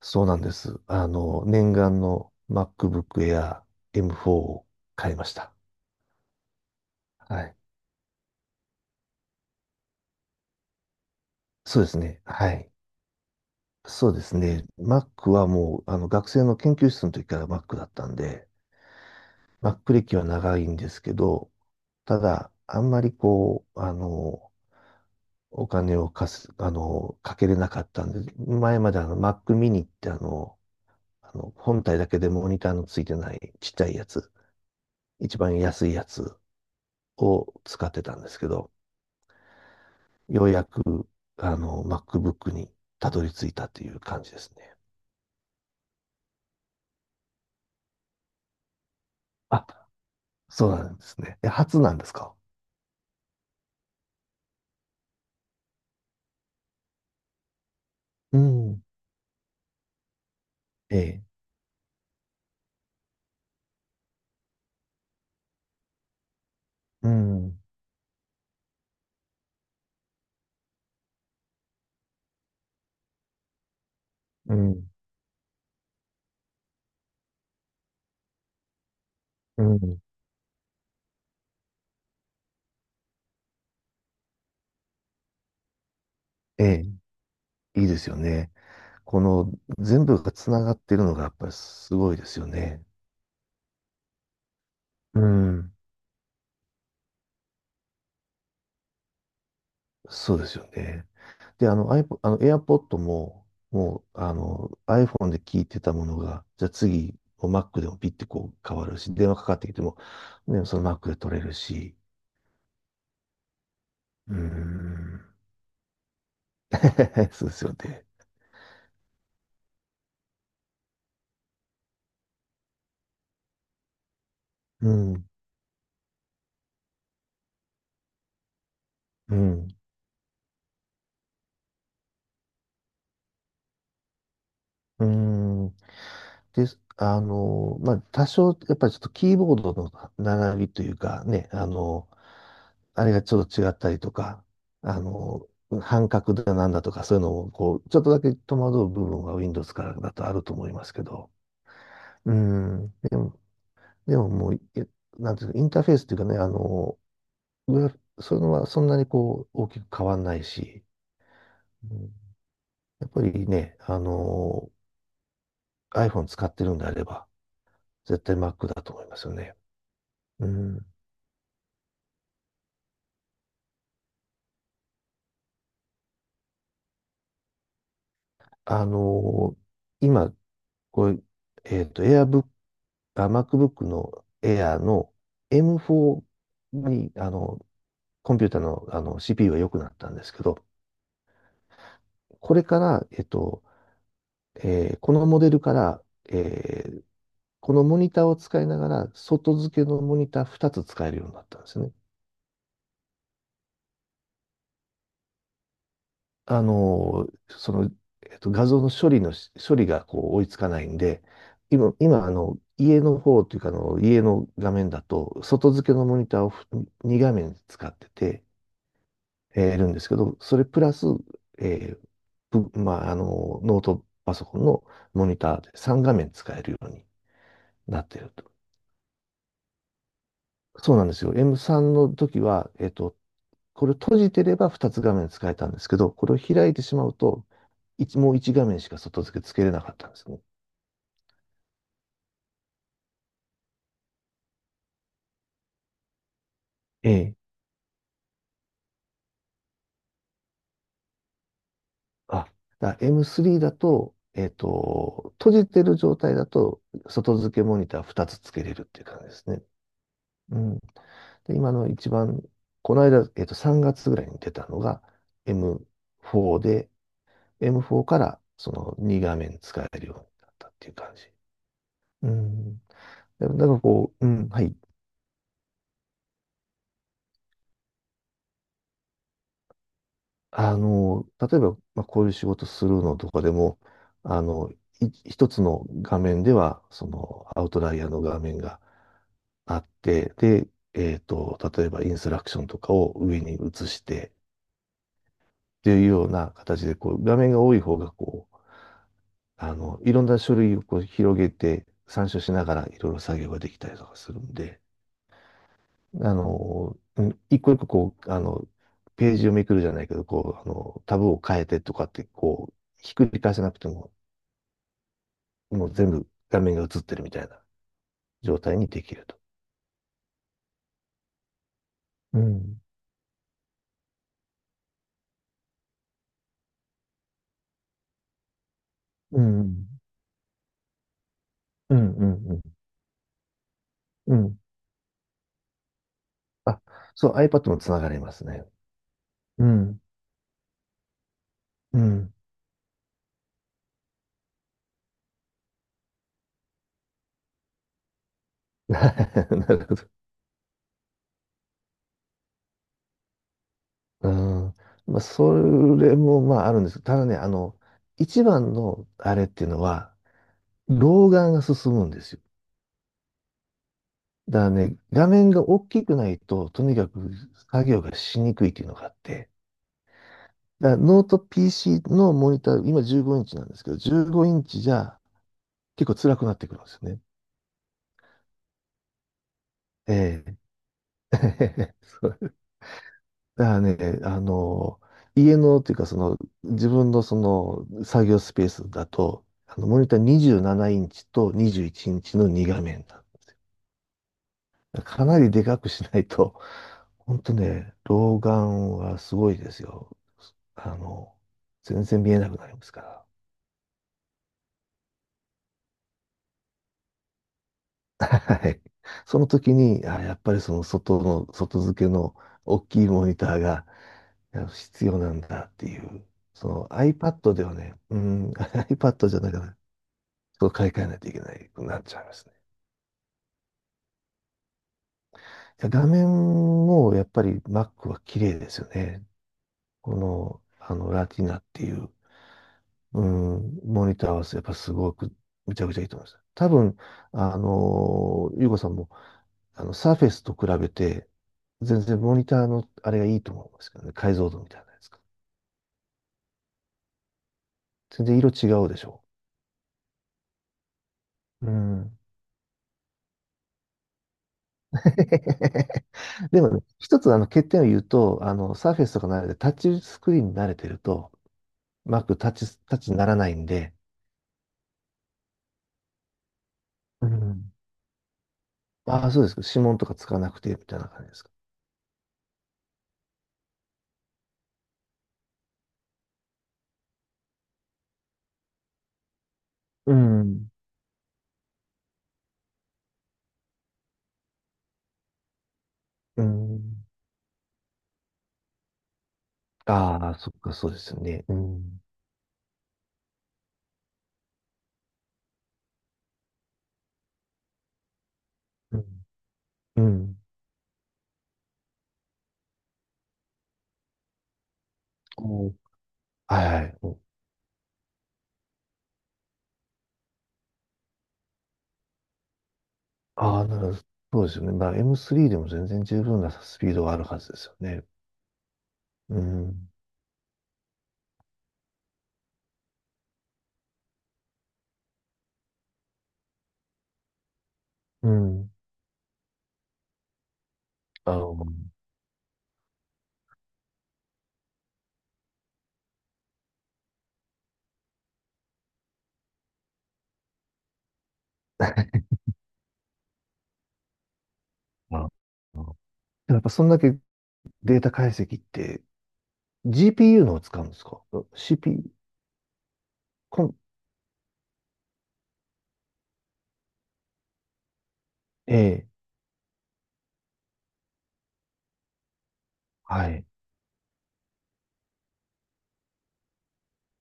そうなんです。念願の MacBook Air M4 を買いました。はい。そうですね。はい。そうですね。Mac はもう、学生の研究室の時から Mac だったんで、Mac 歴は長いんですけど、ただ、あんまりこう、お金を貸す、かけれなかったんで、前まであの Mac mini って本体だけでモニターのついてないちっちゃいやつ、一番安いやつを使ってたんですけど、ようやく、MacBook にたどり着いたという感じですね。あ、そうなんですね。え、初なんですか？うん。ええ。うん。うん。うん。ええ。いいですよね。この全部がつながってるのがやっぱりすごいですよね。うん。そうですよね。で、iPod、AirPod も、もう、iPhone で聞いてたものが、じゃあ次、こう Mac でもピッてこう変わるし、電話かかってきても、ね、その Mac で取れるし、うーん。そうですよね。うん、うん、うん。です。まあ、多少、やっぱりちょっとキーボードの並びというかね、あれがちょっと違ったりとか、あの、半角だなんだとか、そういうのも、こう、ちょっとだけ戸惑う部分は Windows からだとあると思いますけど、うん、でも、もう、なんていうか、インターフェースというかね、グラフそういうのはそんなにこう、大きく変わんないし、うん。やっぱりね、iPhone 使ってるんであれば、絶対 Mac だと思いますよね。うん。あのー今、これ、AirBook、あ、MacBook の Air の M4 に、コンピューターの、CPU が良くなったんですけど、これから、このモデルから、えーこのモニターを使いながら、外付けのモニター2つ使えるようになったんですね。あの、その、画像の処理がこう追いつかないんで、今、家の方というか、家の画面だと、外付けのモニターを2画面使ってて、いるんですけど、それプラス、えーぶまあ、ノートパソコンのモニターで3画面使えるようになってると。そうなんですよ。M3 の時は、これを閉じてれば2つ画面使えたんですけど、これを開いてしまうと、もう1画面しか外付けつけれなかったんですね。ええ。あ、M3 だと、閉じてる状態だと、外付けモニター2つつけれるっていう感じですね。うん。で、今の一番、この間、3月ぐらいに出たのが M4 で、M4 からその2画面使えるようになったっていう感じ。うん。だからこう、うん、はい。例えば、まあ、こういう仕事するのとかでも、あの、一つの画面では、その、アウトライアーの画面があって、で、例えばインストラクションとかを上に移して、っていうような形で、こう、画面が多い方が、こう、いろんな書類をこう広げて、参照しながらいろいろ作業ができたりとかするんで、うん。一個一個こう、ページをめくるじゃないけど、こう、タブを変えてとかって、こう、ひっくり返さなくてももう全部画面が映ってるみたいな状態にできると。うん。うん。うん。うん。うん。うん。あ、そう、iPad もつながれますね。うん。うん。なるほど。うん。まあ、それもまああるんです。ただね、一番のあれっていうのは、老眼が進むんですよ。だからね、画面が大きくないと、とにかく作業がしにくいっていうのがあって、だからノート PC のモニター、今15インチなんですけど、15インチじゃ結構辛くなってくるんですよね。ええ。そう。だからね、あの、家のっていうか、その、自分のその、作業スペースだと、モニター27インチと21インチの2画面だ。かなりでかくしないと、ほんとね、老眼はすごいですよ。あの、全然見えなくなりますから。はい。その時に、あ、やっぱり外付けの大きいモニターが必要なんだっていう。その iPad ではね、うん、iPad じゃないかな。そょ買い替えないといけないくなっちゃいますね。画面もやっぱり Mac は綺麗ですよね。この、ラティナっていう、うん、モニターはやっぱすごくむちゃくちゃいいと思います。多分、ゆうこさんも、サーフェスと比べて、全然モニターのあれがいいと思うんですけどね。解像度みたいなやつが。全然色違うでしょう。うん。でもね、一つ欠点を言うと、サーフェスとか慣れて、タッチスクリーンに慣れてると、うまくタッチにならないんで、うん。ああ、そうですか、指紋とかつかなくて、みたいな感じですか。うん。うん。ああ、そっか、そうですよね。うん。うん。うん。こう、はいはい。こう。ああ、なるほど。そうですよね。まあ、M3 でも全然十分なスピードはあるはずですよね。うん。うん。あの、まあ、でもやっぱそんだけデータ解析って GPU のを使うんですか ?CPU、コン、ええ、はい、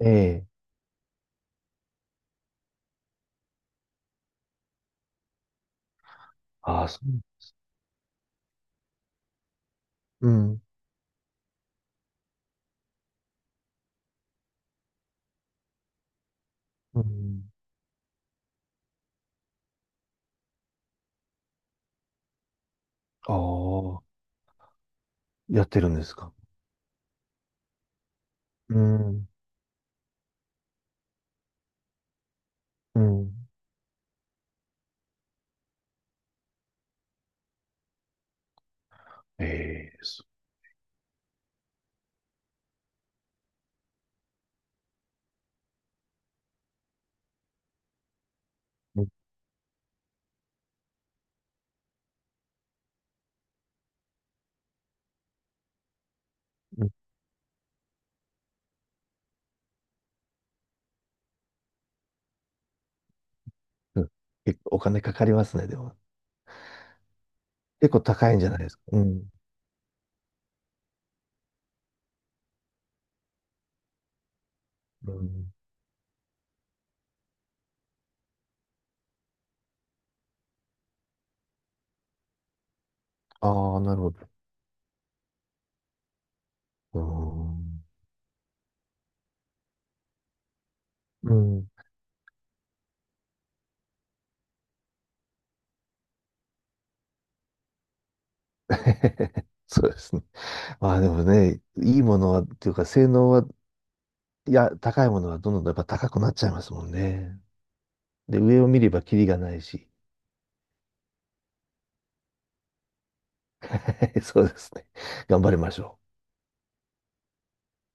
ええ、ああ、そう、うん、うん、ああ、やってるんですか？うん、うん、ええ、そう、うん、うん。結構お金かかりますね、でも。結構高いんじゃないですか？うん、うん、ああ、なるほど。うん、うん。そうですね。まあでもね、いいものは、っていうか性能は、いや、高いものはどんどんやっぱ高くなっちゃいますもんね。で、上を見ればキリがないし、そうですね。頑張りましょう。